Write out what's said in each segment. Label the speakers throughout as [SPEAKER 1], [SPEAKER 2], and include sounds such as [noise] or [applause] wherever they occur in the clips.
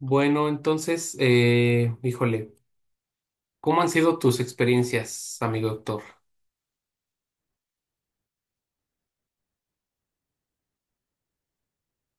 [SPEAKER 1] Bueno, entonces, híjole, ¿cómo han sido tus experiencias, amigo doctor?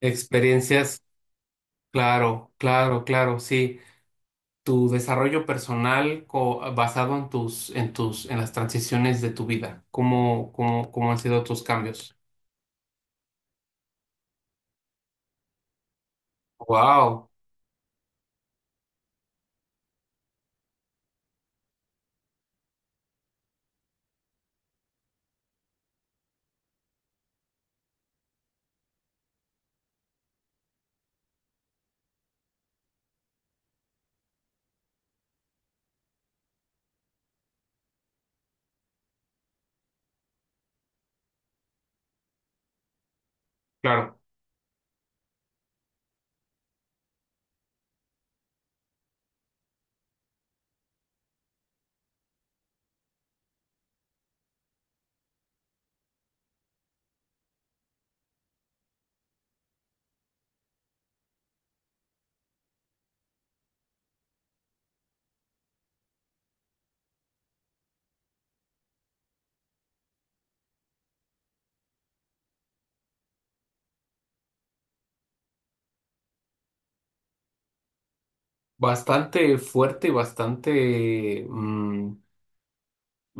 [SPEAKER 1] Experiencias, claro, claro, claro, sí. Tu desarrollo personal basado en las transiciones de tu vida. ¿Cómo han sido tus cambios? Wow, claro, bastante fuerte y bastante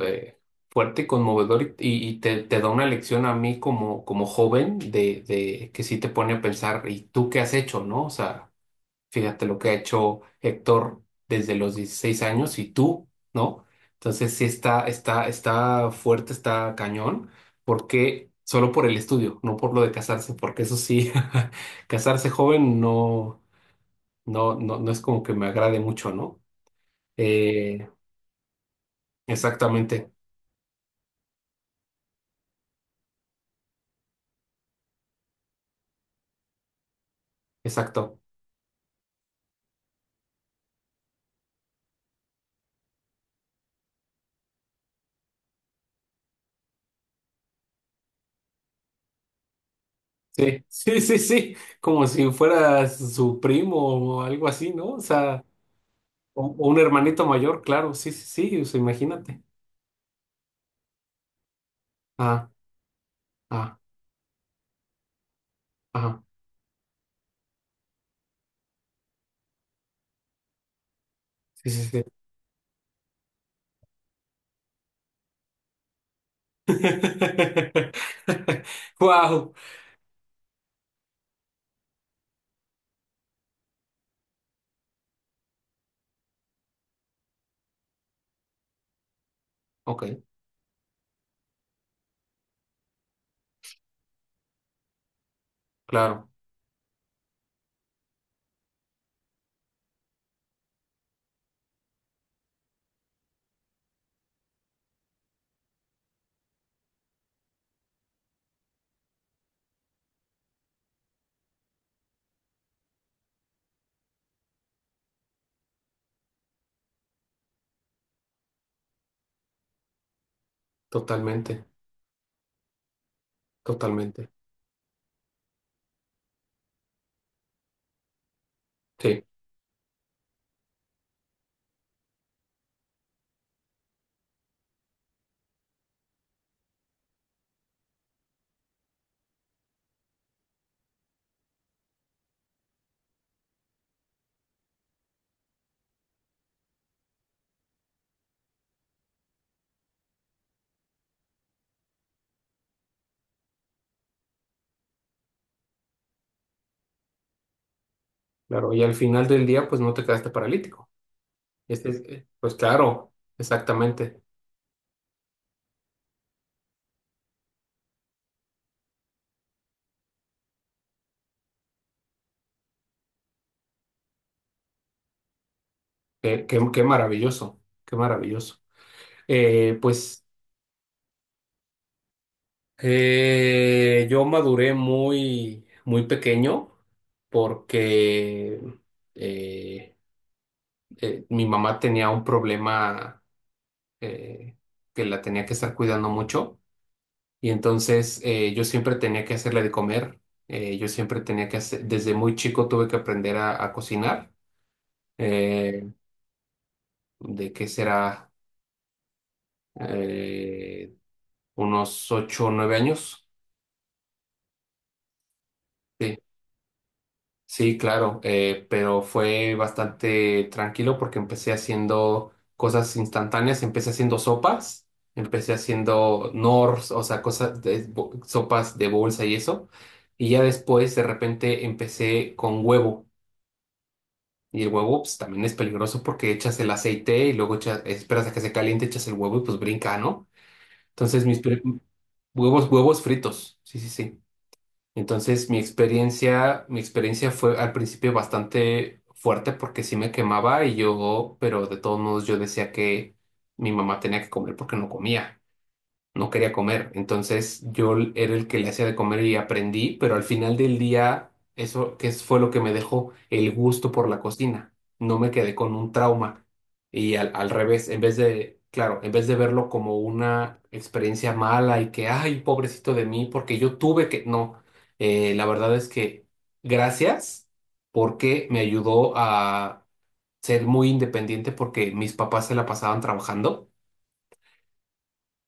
[SPEAKER 1] eh, fuerte, conmovedor te da una lección a mí como, como joven de que sí te pone a pensar, ¿y tú qué has hecho, no? O sea, fíjate lo que ha hecho Héctor desde los 16 años y tú, ¿no? Entonces sí está fuerte, está cañón, porque solo por el estudio, no por lo de casarse, porque eso sí, [laughs] casarse joven no, no, no, no es como que me agrade mucho, ¿no? Eh, Exactamente, exacto. Sí, sí, sí, sí, como si fuera su primo o algo así, ¿no? O sea, o un hermanito mayor, claro, sí, sí, sí, o sea, imagínate. Ah, ah, ah, sí, sí, sí. [laughs] Wow. Ok, claro, totalmente, totalmente. Sí, claro, y al final del día, pues no te quedaste paralítico. Este, pues claro, exactamente. Qué maravilloso, qué maravilloso. Pues. Yo maduré muy, muy pequeño porque eh, mi mamá tenía un problema eh, que la tenía que estar cuidando mucho y entonces yo siempre tenía que hacerle de comer. Yo siempre tenía que hacer, desde muy chico tuve que aprender a cocinar. eh, de qué será eh, unos 8 o 9 años. Sí, sí, claro, pero fue bastante tranquilo porque empecé haciendo cosas instantáneas, empecé haciendo sopas, empecé haciendo nors, o sea, cosas de sopas de bolsa y eso, y ya después de repente empecé con huevo, y el huevo pues también es peligroso porque echas el aceite y luego echas, esperas a que se caliente, echas el huevo y pues brinca, ¿no? Entonces huevos, huevos fritos, sí, sí, sí. Entonces mi experiencia fue al principio bastante fuerte porque sí me quemaba y yo, pero de todos modos yo decía que mi mamá tenía que comer porque no comía, no quería comer. Entonces yo l- era el que le hacía de comer y aprendí, pero al final del día eso fue lo que me dejó el gusto por la cocina. No me quedé con un trauma. Y al revés, en vez de, claro, en vez de verlo como una experiencia mala y que, ay, pobrecito de mí, porque yo tuve que, no. La verdad es que gracias porque me ayudó a ser muy independiente porque mis papás se la pasaban trabajando.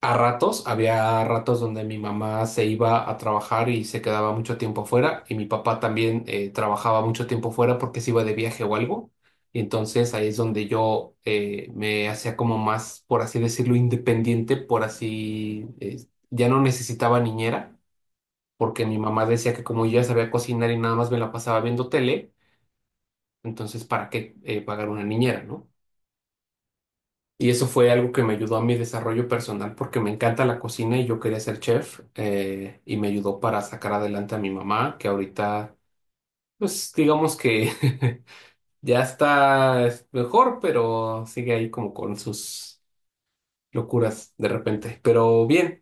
[SPEAKER 1] A ratos, había ratos donde mi mamá se iba a trabajar y se quedaba mucho tiempo fuera, y mi papá también trabajaba mucho tiempo fuera porque se iba de viaje o algo. Y entonces ahí es donde yo me hacía como más, por así decirlo, independiente, por así, ya no necesitaba niñera, porque mi mamá decía que como yo ya sabía cocinar y nada más me la pasaba viendo tele, entonces ¿para qué pagar una niñera, no? Y eso fue algo que me ayudó a mi desarrollo personal porque me encanta la cocina y yo quería ser chef, y me ayudó para sacar adelante a mi mamá, que ahorita, pues digamos que [laughs] ya está es mejor, pero sigue ahí como con sus locuras de repente. Pero bien,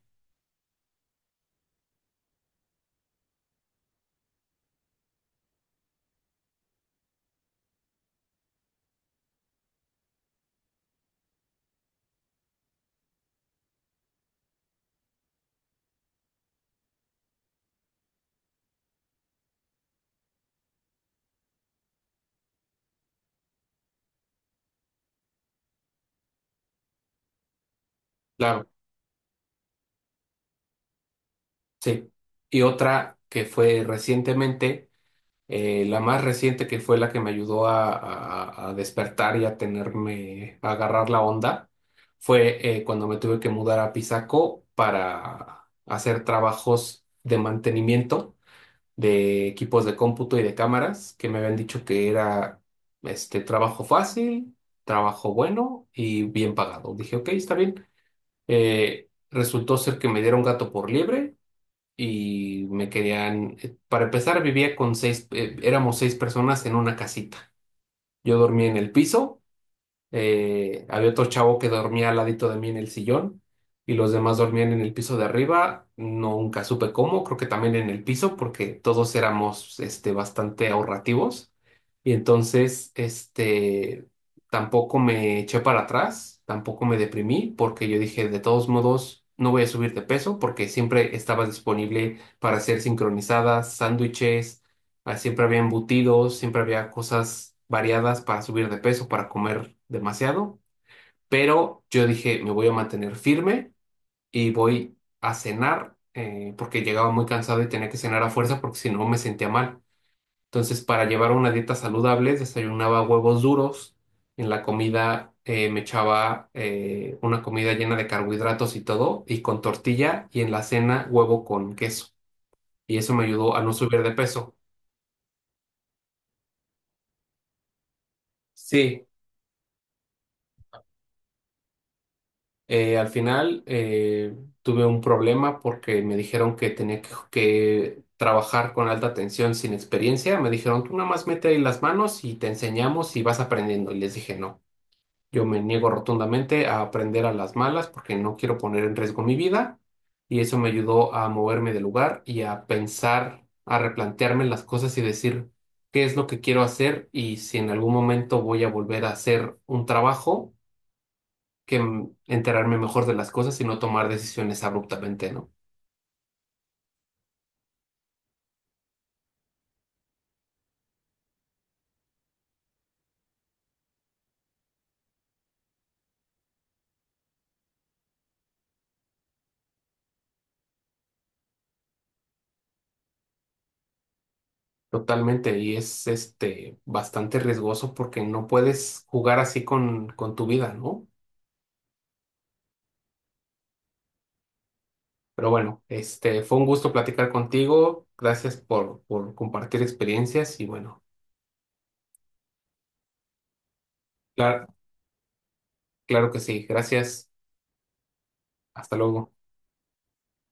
[SPEAKER 1] claro, sí. Y otra que fue recientemente. La más reciente que fue la que me ayudó a despertar y a tenerme, a agarrar la onda, fue cuando me tuve que mudar a Pisaco para hacer trabajos de mantenimiento de equipos de cómputo y de cámaras, que me habían dicho que era este trabajo fácil, trabajo bueno y bien pagado. Dije, ok, está bien. Resultó ser que me dieron gato por liebre y me querían, para empezar, vivía con seis, éramos seis personas en una casita. Yo dormía en el piso, había otro chavo que dormía al ladito de mí en el sillón y los demás dormían en el piso de arriba. Nunca supe cómo, creo que también en el piso, porque todos éramos este, bastante ahorrativos. Y entonces, este, tampoco me eché para atrás, tampoco me deprimí, porque yo dije, de todos modos, no voy a subir de peso, porque siempre estaba disponible para hacer sincronizadas, sándwiches. Siempre había embutidos, siempre había cosas variadas para subir de peso, para comer demasiado. Pero yo dije, me voy a mantener firme y voy a cenar, porque llegaba muy cansado y tenía que cenar a fuerza porque si no me sentía mal. Entonces, para llevar una dieta saludable, desayunaba huevos duros. En la comida me echaba una comida llena de carbohidratos y todo, y con tortilla, y en la cena huevo con queso. Y eso me ayudó a no subir de peso. Sí. Al final, tuve un problema porque me dijeron que tenía que trabajar con alta tensión sin experiencia. Me dijeron, tú nada más mete ahí las manos y te enseñamos y vas aprendiendo. Y les dije, no, yo me niego rotundamente a aprender a las malas porque no quiero poner en riesgo mi vida. Y eso me ayudó a moverme del lugar y a pensar, a replantearme las cosas y decir qué es lo que quiero hacer y si en algún momento voy a volver a hacer un trabajo que enterarme mejor de las cosas y no tomar decisiones abruptamente, ¿no? Totalmente, y es este bastante riesgoso porque no puedes jugar así con tu vida, ¿no? Pero bueno, este fue un gusto platicar contigo. Gracias por compartir experiencias y bueno, claro, claro que sí. Gracias. Hasta luego.